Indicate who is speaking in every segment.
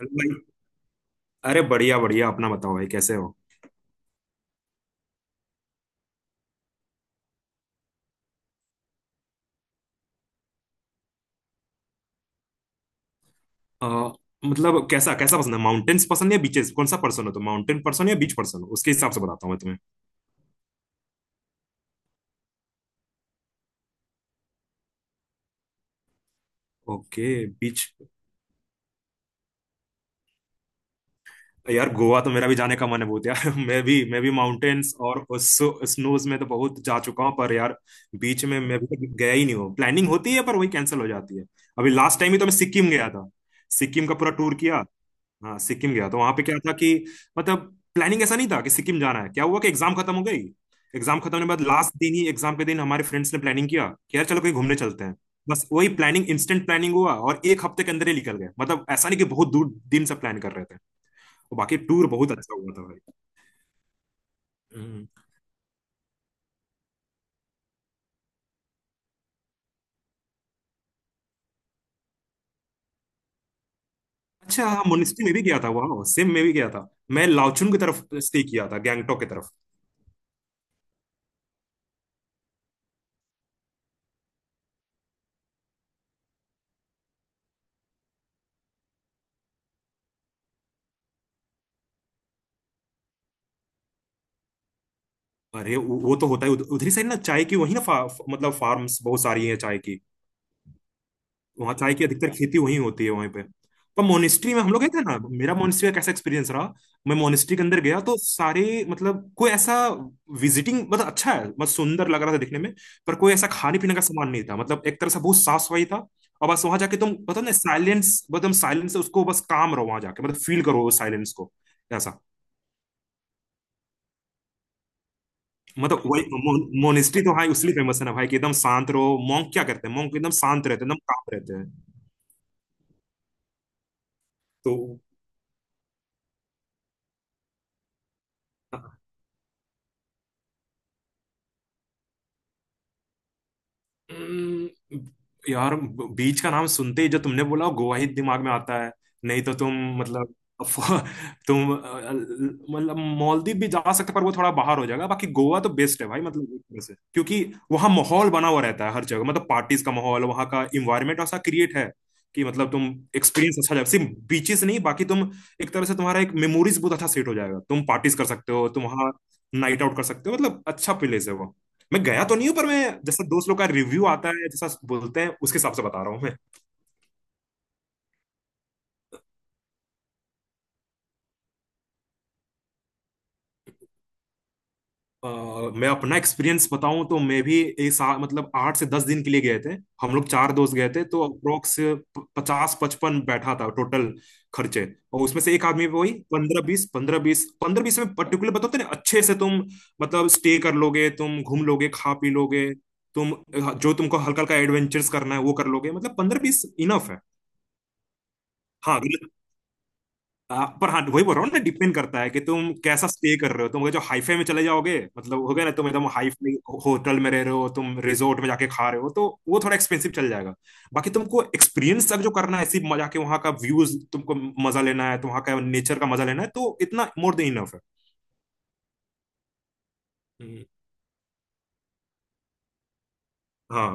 Speaker 1: Hello भाई। अरे बढ़िया बढ़िया, अपना बताओ भाई, कैसे हो? अ, मतलब कैसा कैसा पसंद है, माउंटेन्स पसंद है या बीचेस? कौन सा पर्सन हो, तो माउंटेन पर्सन या बीच पर्सन हो, उसके हिसाब से बताता हूँ मैं तुम्हें। ओके। बीच। यार गोवा तो मेरा भी जाने का मन है बहुत यार। मैं भी माउंटेन्स और स्नोज में तो बहुत जा चुका हूँ पर यार, बीच में मैं अभी तक गया ही नहीं हूँ। प्लानिंग होती है पर वही कैंसिल हो जाती है। अभी लास्ट टाइम ही तो मैं सिक्किम गया था। सिक्किम का पूरा टूर किया। हाँ, सिक्किम गया तो वहां पे क्या था कि, मतलब, प्लानिंग ऐसा नहीं था कि सिक्किम जाना है। क्या हुआ कि एग्जाम खत्म हो गई। एग्जाम खत्म होने के बाद लास्ट दिन ही, एग्जाम के दिन, हमारे फ्रेंड्स ने प्लानिंग किया कि यार चलो कहीं घूमने चलते हैं। बस वही प्लानिंग, इंस्टेंट प्लानिंग हुआ और 1 हफ्ते के अंदर ही निकल गए। मतलब ऐसा नहीं कि बहुत दूर दिन से प्लान कर रहे थे। और बाकी टूर बहुत अच्छा हुआ था भाई। हम्म। अच्छा हाँ, मुनिस्ट्री में भी गया था, वाह सिम में भी गया था। मैं लाओचुन की तरफ स्टे किया था, गैंगटोक की तरफ। अरे वो तो होता है उधरी साइड ना, चाय की वही ना, मतलब फार्म्स बहुत सारी है चाय की। वहाँ चाय की अधिकतर खेती वहीं होती है, वहीं पे। पर मोनिस्ट्री में हम लोग गए थे ना, मेरा मोनिस्ट्री का कैसा एक्सपीरियंस रहा। मैं मोनिस्ट्री के अंदर गया तो सारे, मतलब कोई ऐसा विजिटिंग, मतलब अच्छा है, मतलब सुंदर लग रहा था दिखने में। पर कोई ऐसा खाने पीने का सामान नहीं था, मतलब एक तरह से बहुत साफ सफाई था। और बस वहां जाके तुम मतलब ना, साइलेंस, मतलब साइलेंस से उसको, बस काम रहो वहां जाके, मतलब फील करो साइलेंस को, ऐसा। मतलब वही। मोनिस्ट्री तो हाँ इसलिए फेमस है ना भाई कि एकदम शांत रहो। मॉन्क क्या करते हैं? मॉन्क एकदम शांत रहते हैं, एकदम काम रहते हैं। तो हम्म, यार, बीच का नाम सुनते ही जो तुमने बोला, गोवा ही दिमाग में आता है। नहीं तो तुम मतलब, अफ- तुम मतलब मालदीव भी जा सकते, पर वो थोड़ा बाहर हो जाएगा। बाकी गोवा तो बेस्ट है भाई, मतलब एक तरह से क्योंकि वहाँ माहौल बना हुआ रहता है हर जगह, मतलब पार्टीज का माहौल, वहाँ का इन्वायरमेंट ऐसा क्रिएट है कि मतलब तुम एक्सपीरियंस अच्छा जाएगा, सिर्फ बीचेस नहीं। बाकी तुम एक तरह से तुम्हारा एक मेमोरीज बहुत अच्छा सेट हो जाएगा, तुम पार्टीज कर सकते हो, तुम वहाँ नाइट आउट कर सकते हो, मतलब अच्छा प्लेस है वो। मैं गया तो नहीं हूँ पर मैं जैसा दोस्त लोग का रिव्यू आता है, जैसा बोलते हैं, उसके हिसाब से बता रहा हूँ मैं। अ, मैं अपना एक्सपीरियंस बताऊं तो मैं भी एक साल, मतलब 8 से 10 दिन के लिए गए थे। हम लोग चार दोस्त गए थे तो अप्रोक्स 50-55 बैठा था टोटल खर्चे। और उसमें से एक आदमी पे वही 15-20, 15-20, 15-20 में पर्टिकुलर बताते ना, अच्छे से तुम मतलब स्टे कर लोगे, तुम घूम लोगे, खा पी लोगे। तुम जो तुमको हल्का हल्का एडवेंचर्स करना है वो कर लोगे, मतलब 15-20 इनफ है। हाँ मतलब पर हाँ वही बोल रहा हूँ ना, डिपेंड करता है कि तुम कैसा स्टे कर रहे हो। तुम अगर जो हाईफाई में चले जाओगे, मतलब हो गया ना, तुम एकदम हाईफाई होटल में रह रहे हो, तुम रिजोर्ट में जाके खा रहे हो तो वो थोड़ा एक्सपेंसिव चल जाएगा। बाकी तुमको एक्सपीरियंस तक जो करना है, सिर्फ मजा के वहाँ का व्यूज तुमको मजा लेना है, तो वहाँ का नेचर का मजा लेना है, तो इतना मोर देन इनफ है। हम्म। हाँ।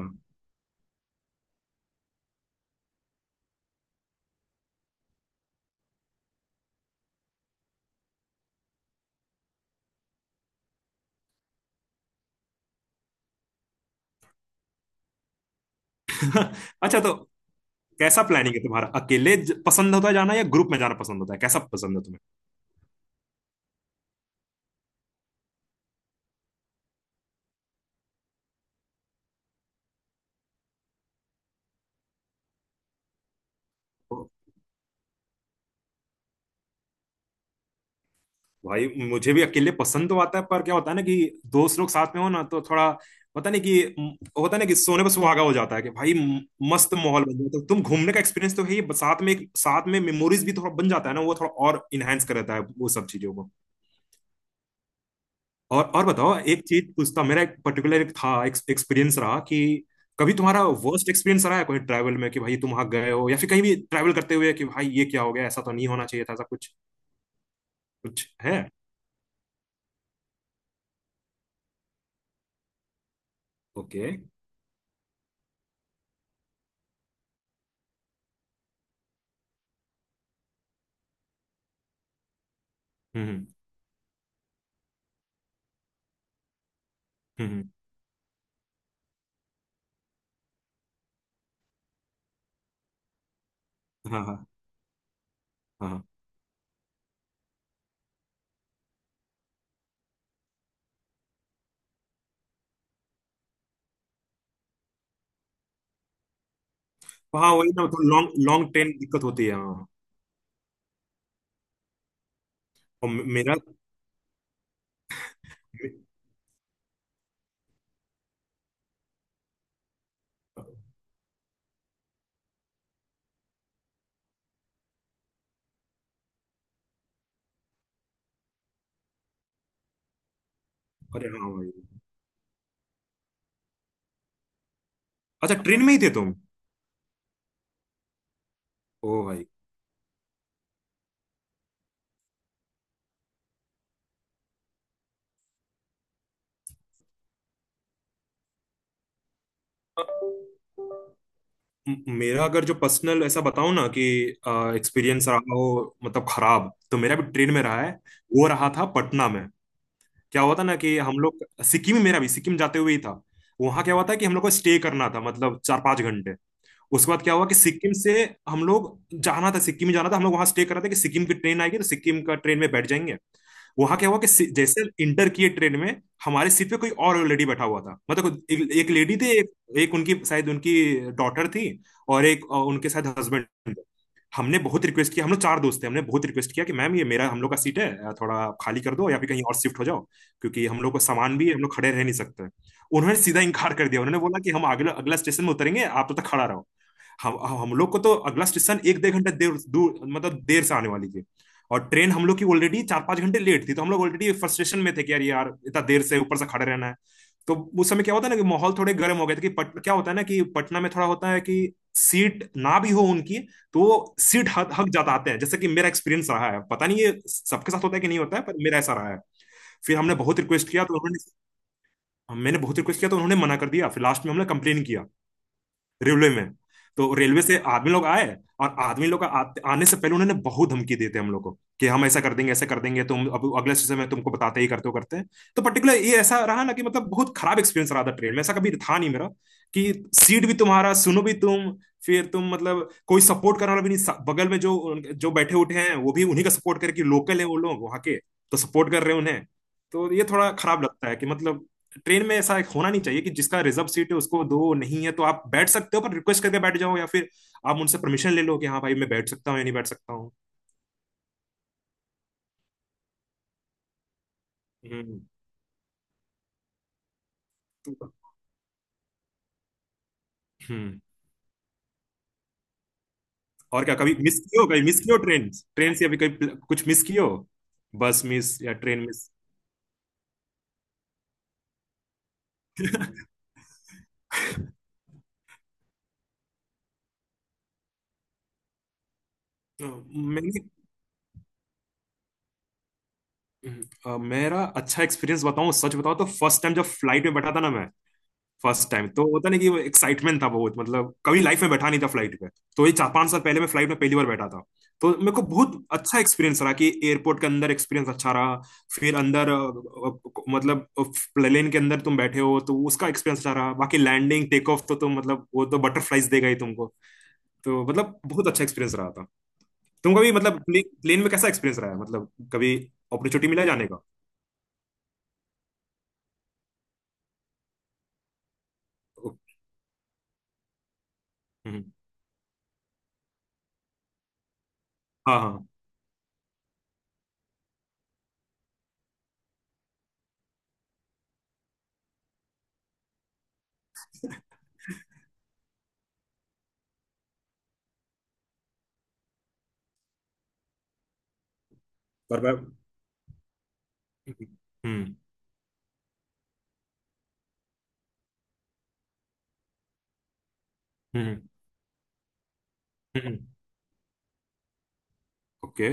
Speaker 1: अच्छा तो कैसा प्लानिंग है तुम्हारा, अकेले पसंद होता है जाना या ग्रुप में जाना पसंद होता है, कैसा पसंद है तुम्हें? भाई मुझे भी अकेले पसंद तो आता है, पर क्या होता है ना कि दोस्त लोग साथ में हो ना तो थोड़ा पता नहीं कि होता है ना कि सोने पर सुहागा हो जाता है कि भाई, मस्त माहौल बन जाता है, तुम घूमने का एक्सपीरियंस तो है ही, साथ में एक साथ में मेमोरीज भी थोड़ा बन जाता है ना, वो थोड़ा और इनहेंस कर देता है वो सब चीजों को। और बताओ, एक चीज पूछता, मेरा एक पर्टिकुलर एक था एक्सपीरियंस रहा कि, कभी तुम्हारा वर्स्ट एक्सपीरियंस रहा है कोई ट्रैवल में कि भाई तुम वहां गए हो, या फिर कहीं भी ट्रैवल करते हुए कि भाई ये क्या हो गया, ऐसा तो नहीं होना चाहिए था, ऐसा कुछ कुछ है? ओके। हम्म। हम्म। हम्म। हाँ, हाँ। हाँ, हाँ। हाँ, वही ना तो लॉन्ग लॉन्ग ट्रेन दिक्कत होती है हाँ। और मेरा। अरे हाँ भाई। अच्छा, ट्रेन में ही थे तुम? ओ भाई। मेरा अगर जो पर्सनल ऐसा बताऊं ना कि एक्सपीरियंस रहा हो मतलब खराब, तो मेरा भी ट्रेन में रहा है। वो रहा था पटना में। क्या हुआ था ना कि हम लोग सिक्किम ही, मेरा भी सिक्किम जाते हुए ही था। वहां क्या हुआ था कि हम लोग को स्टे करना था, मतलब 4-5 घंटे। उसके बाद क्या हुआ कि सिक्किम से हम लोग जाना था, सिक्किम ही जाना था। हम लोग वहां स्टे कर रहे थे कि सिक्किम की ट्रेन आएगी तो सिक्किम का ट्रेन में बैठ जाएंगे। वहां क्या हुआ कि जैसे इंटर किए ट्रेन में, हमारे सीट पे कोई और लेडी बैठा हुआ था, मतलब एक लेडी थी, एक, एक उनकी शायद, उनकी डॉटर थी। और एक उनके शायद हस्बैंड थे। हमने बहुत रिक्वेस्ट किया, हम लोग चार दोस्त थे, हमने बहुत रिक्वेस्ट किया कि मैम, ये मेरा हम लोग का सीट है, थोड़ा खाली कर दो या फिर कहीं और शिफ्ट हो जाओ। क्योंकि हम लोग को सामान भी है, हम लोग खड़े रह नहीं सकते। उन्होंने सीधा इनकार कर दिया, उन्होंने बोला कि हम अगला अगला स्टेशन में उतरेंगे, आप तब तक खड़ा रहो। हम लोग को तो अगला स्टेशन एक डेढ़ घंटे देर दूर, मतलब देर से आने वाली थी। और ट्रेन हम लोग की ऑलरेडी 4-5 घंटे लेट थी, तो हम लोग ऑलरेडी फ्रस्ट्रेशन में थे कि यार यार इतना देर से ऊपर से खड़े रहना है। तो उस समय क्या होता है ना कि माहौल थोड़े गर्म हो गए थे कि क्या होता है ना कि पटना में थोड़ा होता है कि सीट ना भी हो उनकी। तो वो सीट हक हक जाता आते हैं, जैसे कि मेरा एक्सपीरियंस रहा है, पता नहीं ये सबके साथ होता है कि नहीं होता है पर मेरा ऐसा रहा है। फिर हमने बहुत रिक्वेस्ट किया तो उन्होंने, मैंने बहुत रिक्वेस्ट किया तो उन्होंने मना कर दिया। फिर लास्ट में हमने कंप्लेन किया रेलवे में। तो रेलवे से आदमी लोग आए। और आदमी लोग आने से पहले उन्होंने बहुत धमकी देते हम लोग को, कि हम ऐसा कर देंगे, ऐसा कर देंगे तुम, अब अगले स्टेशन में तुमको बताते ही करते हो, करते हैं। तो पर्टिकुलर ये ऐसा रहा ना कि, मतलब बहुत खराब एक्सपीरियंस रहा था। ट्रेन में ऐसा कभी था नहीं मेरा कि, सीट भी तुम्हारा, सुनो भी तुम, फिर तुम मतलब कोई सपोर्ट करने वाला भी नहीं, बगल में जो जो बैठे उठे हैं वो भी उन्हीं का सपोर्ट करके, लोकल है वो लोग वहां के। तो सपोर्ट कर रहे हैं उन्हें। तो ये थोड़ा खराब लगता है कि, मतलब ट्रेन में ऐसा होना नहीं चाहिए कि, जिसका रिजर्व सीट है उसको दो, नहीं है तो आप बैठ सकते हो पर रिक्वेस्ट करके बैठ जाओ, या फिर आप उनसे परमिशन ले लो कि हाँ भाई मैं बैठ सकता हूँ या नहीं बैठ सकता हूँ। हम्म। तो- हम्म। और क्या कभी मिस किए हो, कभी मिस किए हो ट्रेन, ट्रेन से अभी कभी कुछ मिस किए हो, बस मिस या ट्रेन मिस? मैंने मेरा अच्छा एक्सपीरियंस बताऊं, सच बताऊं तो फर्स्ट टाइम जब फ्लाइट में बैठा था ना मैं, फर्स्ट टाइम तो होता नहीं कि, वो एक्साइटमेंट था बहुत, मतलब कभी लाइफ में बैठा नहीं था फ्लाइट पे। तो ये 4-5 साल पहले मैं फ्लाइट में पहली बार बैठा था। तो मेरे को बहुत अच्छा एक्सपीरियंस रहा कि एयरपोर्ट के अंदर एक्सपीरियंस अच्छा रहा। फिर अंदर अ, मतलब प्लेन के अंदर तुम बैठे हो तो उसका एक्सपीरियंस अच्छा रहा। बाकी लैंडिंग टेक ऑफ तो तुम मतलब, वो तो बटरफ्लाइज देगा ही तुमको। तो मतलब बहुत अच्छा एक्सपीरियंस रहा था। तुमका भी मतलब प्लेन में कैसा एक्सपीरियंस रहा है, मतलब कभी अपॉर्चुनिटी मिला जाने का? ओ। हम्म, हाँ हाँ। पर पर- हम्म। हम्म। हम्म। ओके।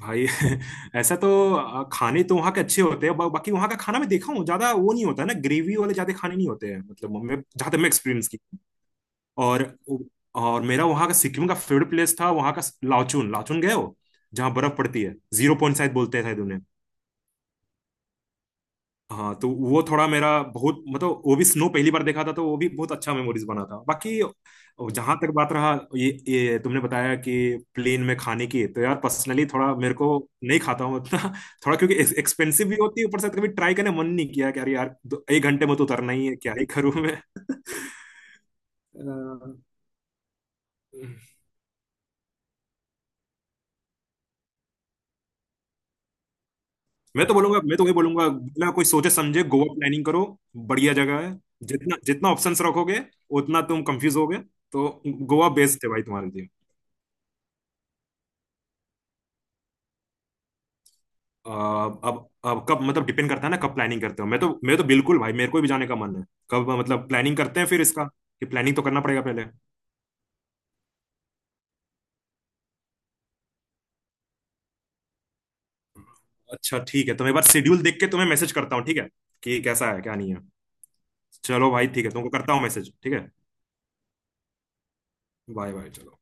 Speaker 1: भाई, ऐसा तो, खाने तो वहाँ के अच्छे होते हैं, बाकी वहाँ का खाना मैं देखा हूँ, ज्यादा वो नहीं होता है ना, ग्रेवी वाले ज्यादा खाने नहीं होते हैं, मतलब मैं जहाँ तक मैं एक्सपीरियंस की। और और मेरा वहाँ का सिक्किम का फेवरेट प्लेस था वहाँ का लाचुन। लाचुन गए हो? जहाँ बर्फ पड़ती है, जीरो पॉइंट शायद बोलते हैं शायद। हाँ तो वो थोड़ा मेरा बहुत, मतलब वो भी स्नो पहली बार देखा था तो वो भी बहुत अच्छा मेमोरीज बना था। बाकी जहां तक बात रहा, ये तुमने बताया कि प्लेन में खाने की, तो यार पर्सनली थोड़ा मेरे को नहीं खाता हूँ उतना। थोड़ा क्योंकि एक्सपेंसिव भी होती है, ऊपर से कभी ट्राई करने मन नहीं किया कि अरे यार एक घंटे में तो उतरना ही है, क्या ही करूँ मैं। अ, मैं तो बोलूंगा, मैं तो वही बोलूंगा, बिना कोई सोचे समझे गोवा प्लानिंग करो। बढ़िया जगह है। जितना जितना ऑप्शंस रखोगे उतना तुम कंफ्यूज होगे, तो गोवा बेस्ट है भाई तुम्हारे लिए। अब कब, मतलब डिपेंड करता है ना कब प्लानिंग करते हो। मैं तो बिल्कुल भाई मेरे को भी जाने का मन है। कब मतलब प्लानिंग करते हैं फिर इसका, कि प्लानिंग तो करना पड़ेगा पहले। अच्छा ठीक है तो मैं एक बार शेड्यूल देख के तुम्हें मैसेज करता हूँ, ठीक है, कि कैसा है क्या नहीं है। चलो भाई ठीक है, तुमको करता हूँ मैसेज, ठीक है। बाय बाय चलो।